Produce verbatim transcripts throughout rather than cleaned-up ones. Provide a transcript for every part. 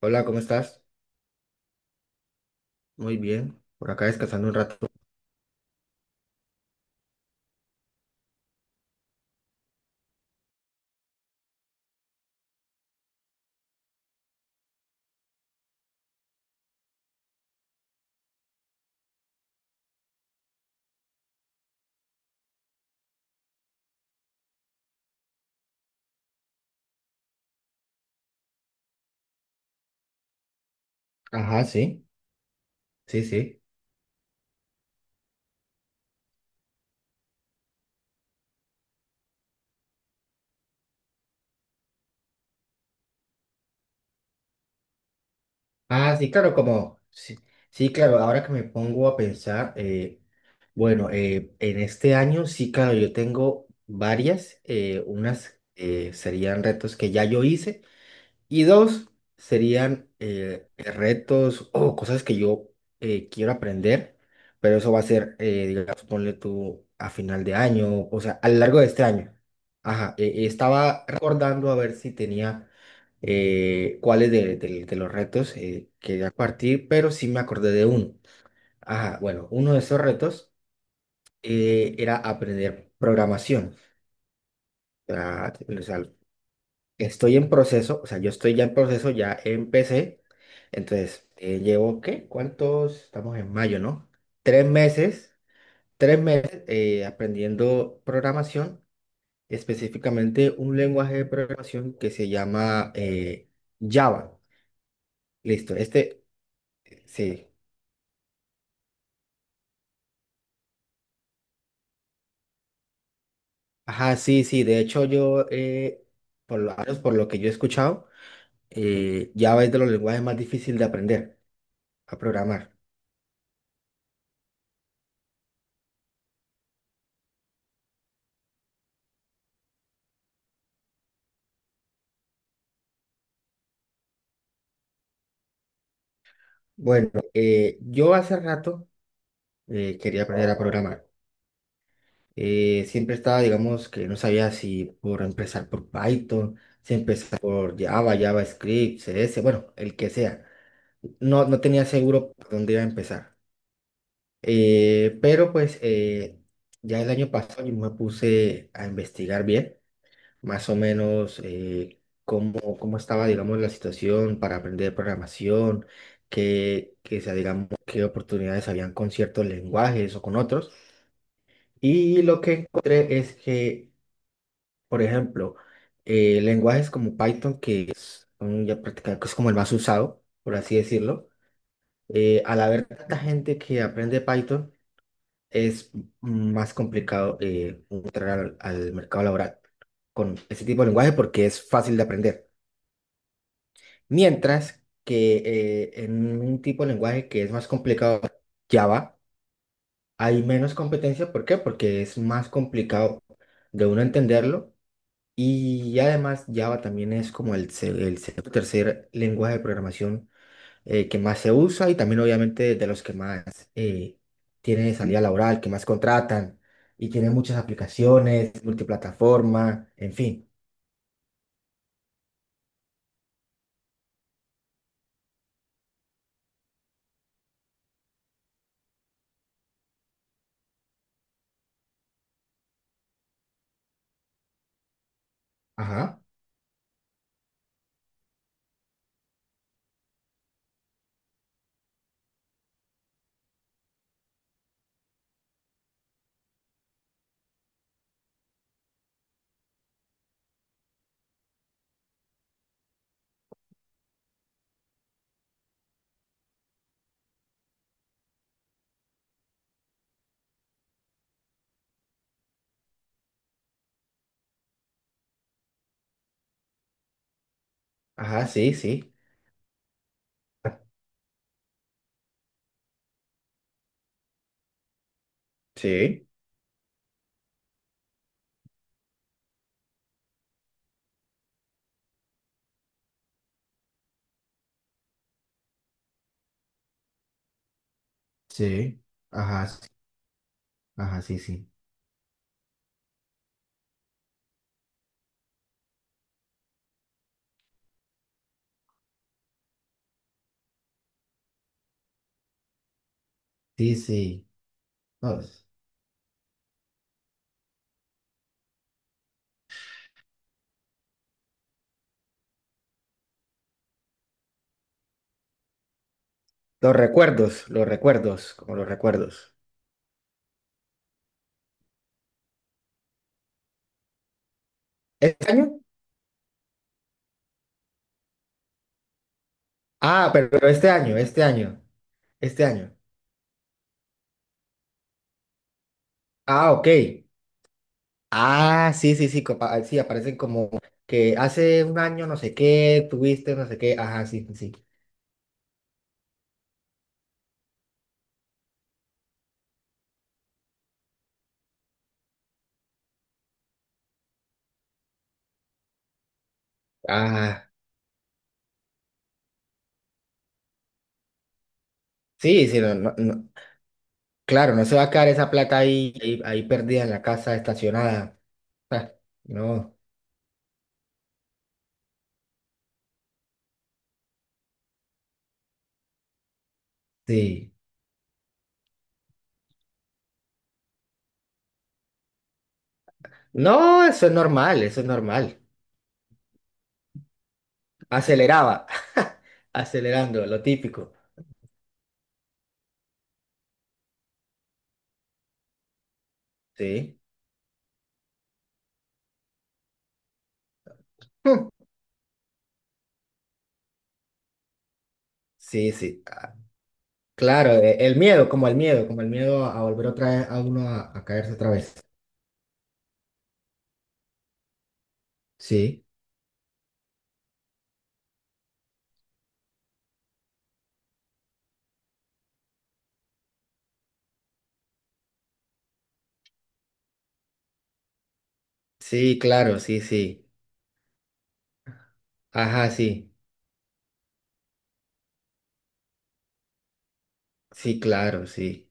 Hola, ¿cómo estás? Muy bien. Por acá descansando un rato. Ajá, sí, sí, sí. Ah, sí, claro, como, sí, sí, claro, ahora que me pongo a pensar, eh, bueno, eh, en este año sí, claro, yo tengo varias, eh, unas eh, serían retos que ya yo hice. Y dos serían eh, eh, retos o cosas que yo eh, quiero aprender, pero eso va a ser, eh, digamos, ponle tú a final de año, o sea, a lo largo de este año. Ajá, eh, estaba recordando a ver si tenía eh, cuáles de, de- de los retos eh, quería partir, pero sí me acordé de uno. Ajá, bueno, uno de esos retos eh, era aprender programación. Ah. O sea, estoy en proceso, o sea, yo estoy ya en proceso, ya empecé. Entonces, eh, llevo, ¿qué? ¿Cuántos? Estamos en mayo, ¿no? Tres meses, tres meses eh, aprendiendo programación, específicamente un lenguaje de programación que se llama eh, Java. Listo, este, sí. Ajá, sí, sí, de hecho yo, eh, por lo menos por lo que yo he escuchado, eh, Java es de los lenguajes más difíciles de aprender a programar. Bueno, eh, yo hace rato eh, quería aprender a programar. Eh, siempre estaba, digamos, que no sabía si por empezar por Python, si empezar por Java, JavaScript, C S, bueno, el que sea. No, no tenía seguro por dónde iba a empezar. Eh, pero pues eh, ya el año pasado yo me puse a investigar bien, más o menos eh, cómo, cómo estaba, digamos, la situación para aprender programación, qué, qué, o sea, digamos, qué oportunidades habían con ciertos lenguajes o con otros. Y lo que encontré es que, por ejemplo, eh, lenguajes como Python, que son ya prácticamente que es como el más usado, por así decirlo, eh, al haber tanta gente que aprende Python, es más complicado eh, entrar al, al mercado laboral con ese tipo de lenguaje porque es fácil de aprender. Mientras que eh, en un tipo de lenguaje que es más complicado, Java, hay menos competencia. ¿Por qué? Porque es más complicado de uno entenderlo. Y además Java también es como el, se- el se- tercer lenguaje de programación eh, que más se usa y también obviamente de los que más eh, tiene salida laboral, que más contratan y tiene muchas aplicaciones, multiplataforma, en fin. Ajá, ajá, sí, sí. Ah, sí, sí, ajá, sí, ajá, sí, sí. Sí, sí. No, es- Los recuerdos, los recuerdos, como los recuerdos. ¿Este año? Ah, pero pero este año, este año, este año. Ah, ok. Ah, sí, sí, sí, copa- ah, sí, aparecen como que hace un año no sé qué, tuviste no sé qué, ajá, sí, sí, sí. Ah, sí, sí, no, no, no, claro, no se va a quedar esa plata ahí, ahí, ahí perdida en la casa estacionada. Ah, no, sí. No, eso es normal, eso es normal. Aceleraba, acelerando, lo típico, sí. Hmm, Sí, sí, ah, claro, e- el miedo, como el miedo, como el miedo a, volver otra vez, a uno a, a caerse otra vez. Sí, sí, claro, sí, sí. Ajá, sí, sí, claro, sí.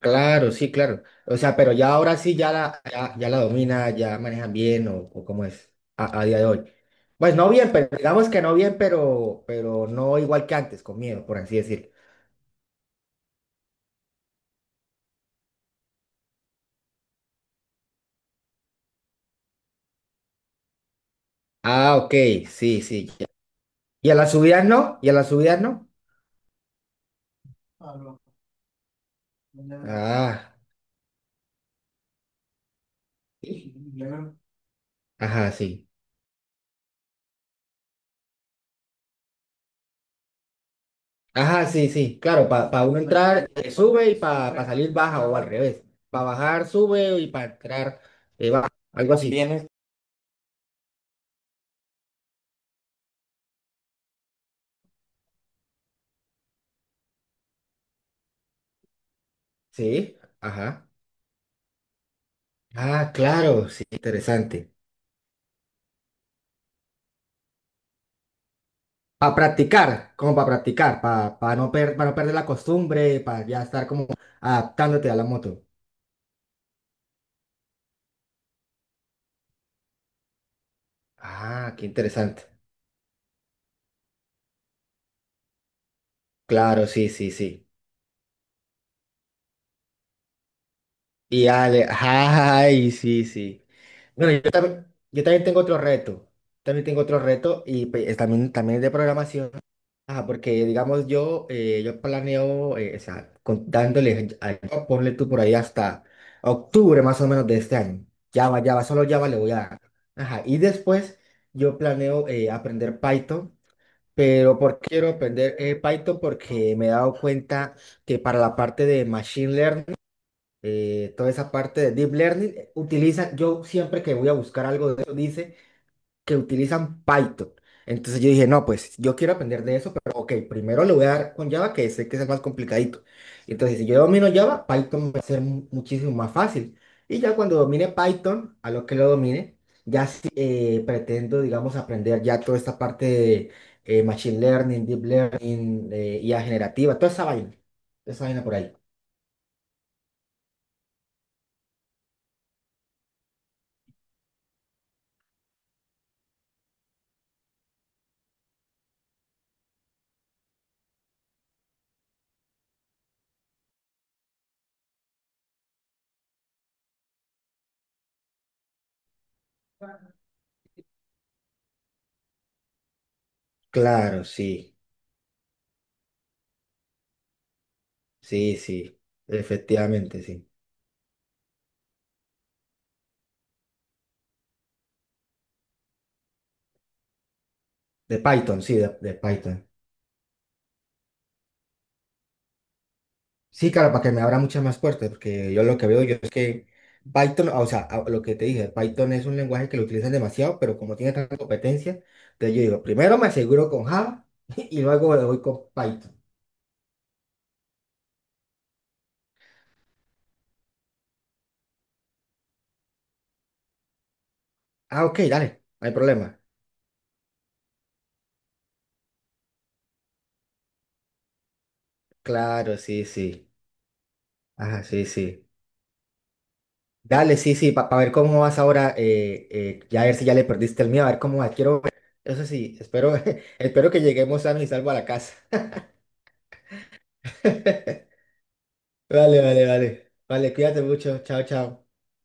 Claro, sí, claro. O sea, pero ya ahora sí, ya la, ya, ya la domina, ya manejan bien o, o cómo es a, a día de hoy. Pues no bien, pero digamos que no bien, pero, pero no igual que antes, con miedo, por así decirlo. Ah, ok, sí, sí, ya. ¿Y a las subidas no? ¿Y a las subidas no? Ah, no, no. Ah, sí, no, ajá, sí. Ajá, sí, sí, claro, para uno bueno, entrar eh, sube y para correcto salir baja o al revés. Para bajar sube y para entrar eh, baja, algo así. Viene sí, ajá. Ah, claro, sí, interesante. Para practicar, como para practicar, para no, per- pa no perder la costumbre, para ya estar como adaptándote a la moto. Ah, qué interesante. Claro, sí, sí, sí. Y Ale, ay, sí, sí. Bueno, yo también, yo también tengo otro reto. También tengo otro reto y pues, es también, también es de programación. Ajá, porque digamos yo, eh, yo planeo, eh, o sea, con- dándole, a- a- ponle tú por ahí hasta octubre más o menos de este año. Java, Java, solo Java le voy a dar. Ajá, y después yo planeo eh, aprender Python, pero ¿por qué quiero aprender eh, Python? Porque me he dado cuenta que para la parte de Machine Learning, eh, toda esa parte de Deep Learning, eh, utiliza, yo siempre que voy a buscar algo de eso, dice que utilizan Python. Entonces yo dije, no, pues yo quiero aprender de eso, pero ok, primero le voy a dar con Java, que sé que es el más complicadito. Entonces, si yo domino Java, Python va a ser mu- muchísimo más fácil. Y ya cuando domine Python, a lo que lo domine, ya sí, eh, pretendo, digamos, aprender ya toda esta parte de eh, Machine Learning, Deep Learning, eh, I A generativa, toda esa vaina, toda esa vaina por ahí. Claro, sí. Sí, sí, efectivamente, sí. De Python, sí, de, de Python. Sí, claro, para que me abra muchas más puertas, porque yo lo que veo yo es que Python, o sea, a- lo que te dije, Python es un lenguaje que lo utilizan demasiado, pero como tiene tanta competencia, entonces yo digo, primero me aseguro con Java y luego le voy con Python. Ah, ok, dale, no hay problema. Claro, sí, sí. Ajá, sí, sí. Dale, sí, sí, para ver cómo vas ahora, eh, eh, ya a ver si ya le perdiste el miedo, a ver cómo vas. Quiero ver. Eso sí, espero, espero que lleguemos sano y salvo a la casa. Vale, vale, vale. Vale, cuídate mucho. Chao, chao.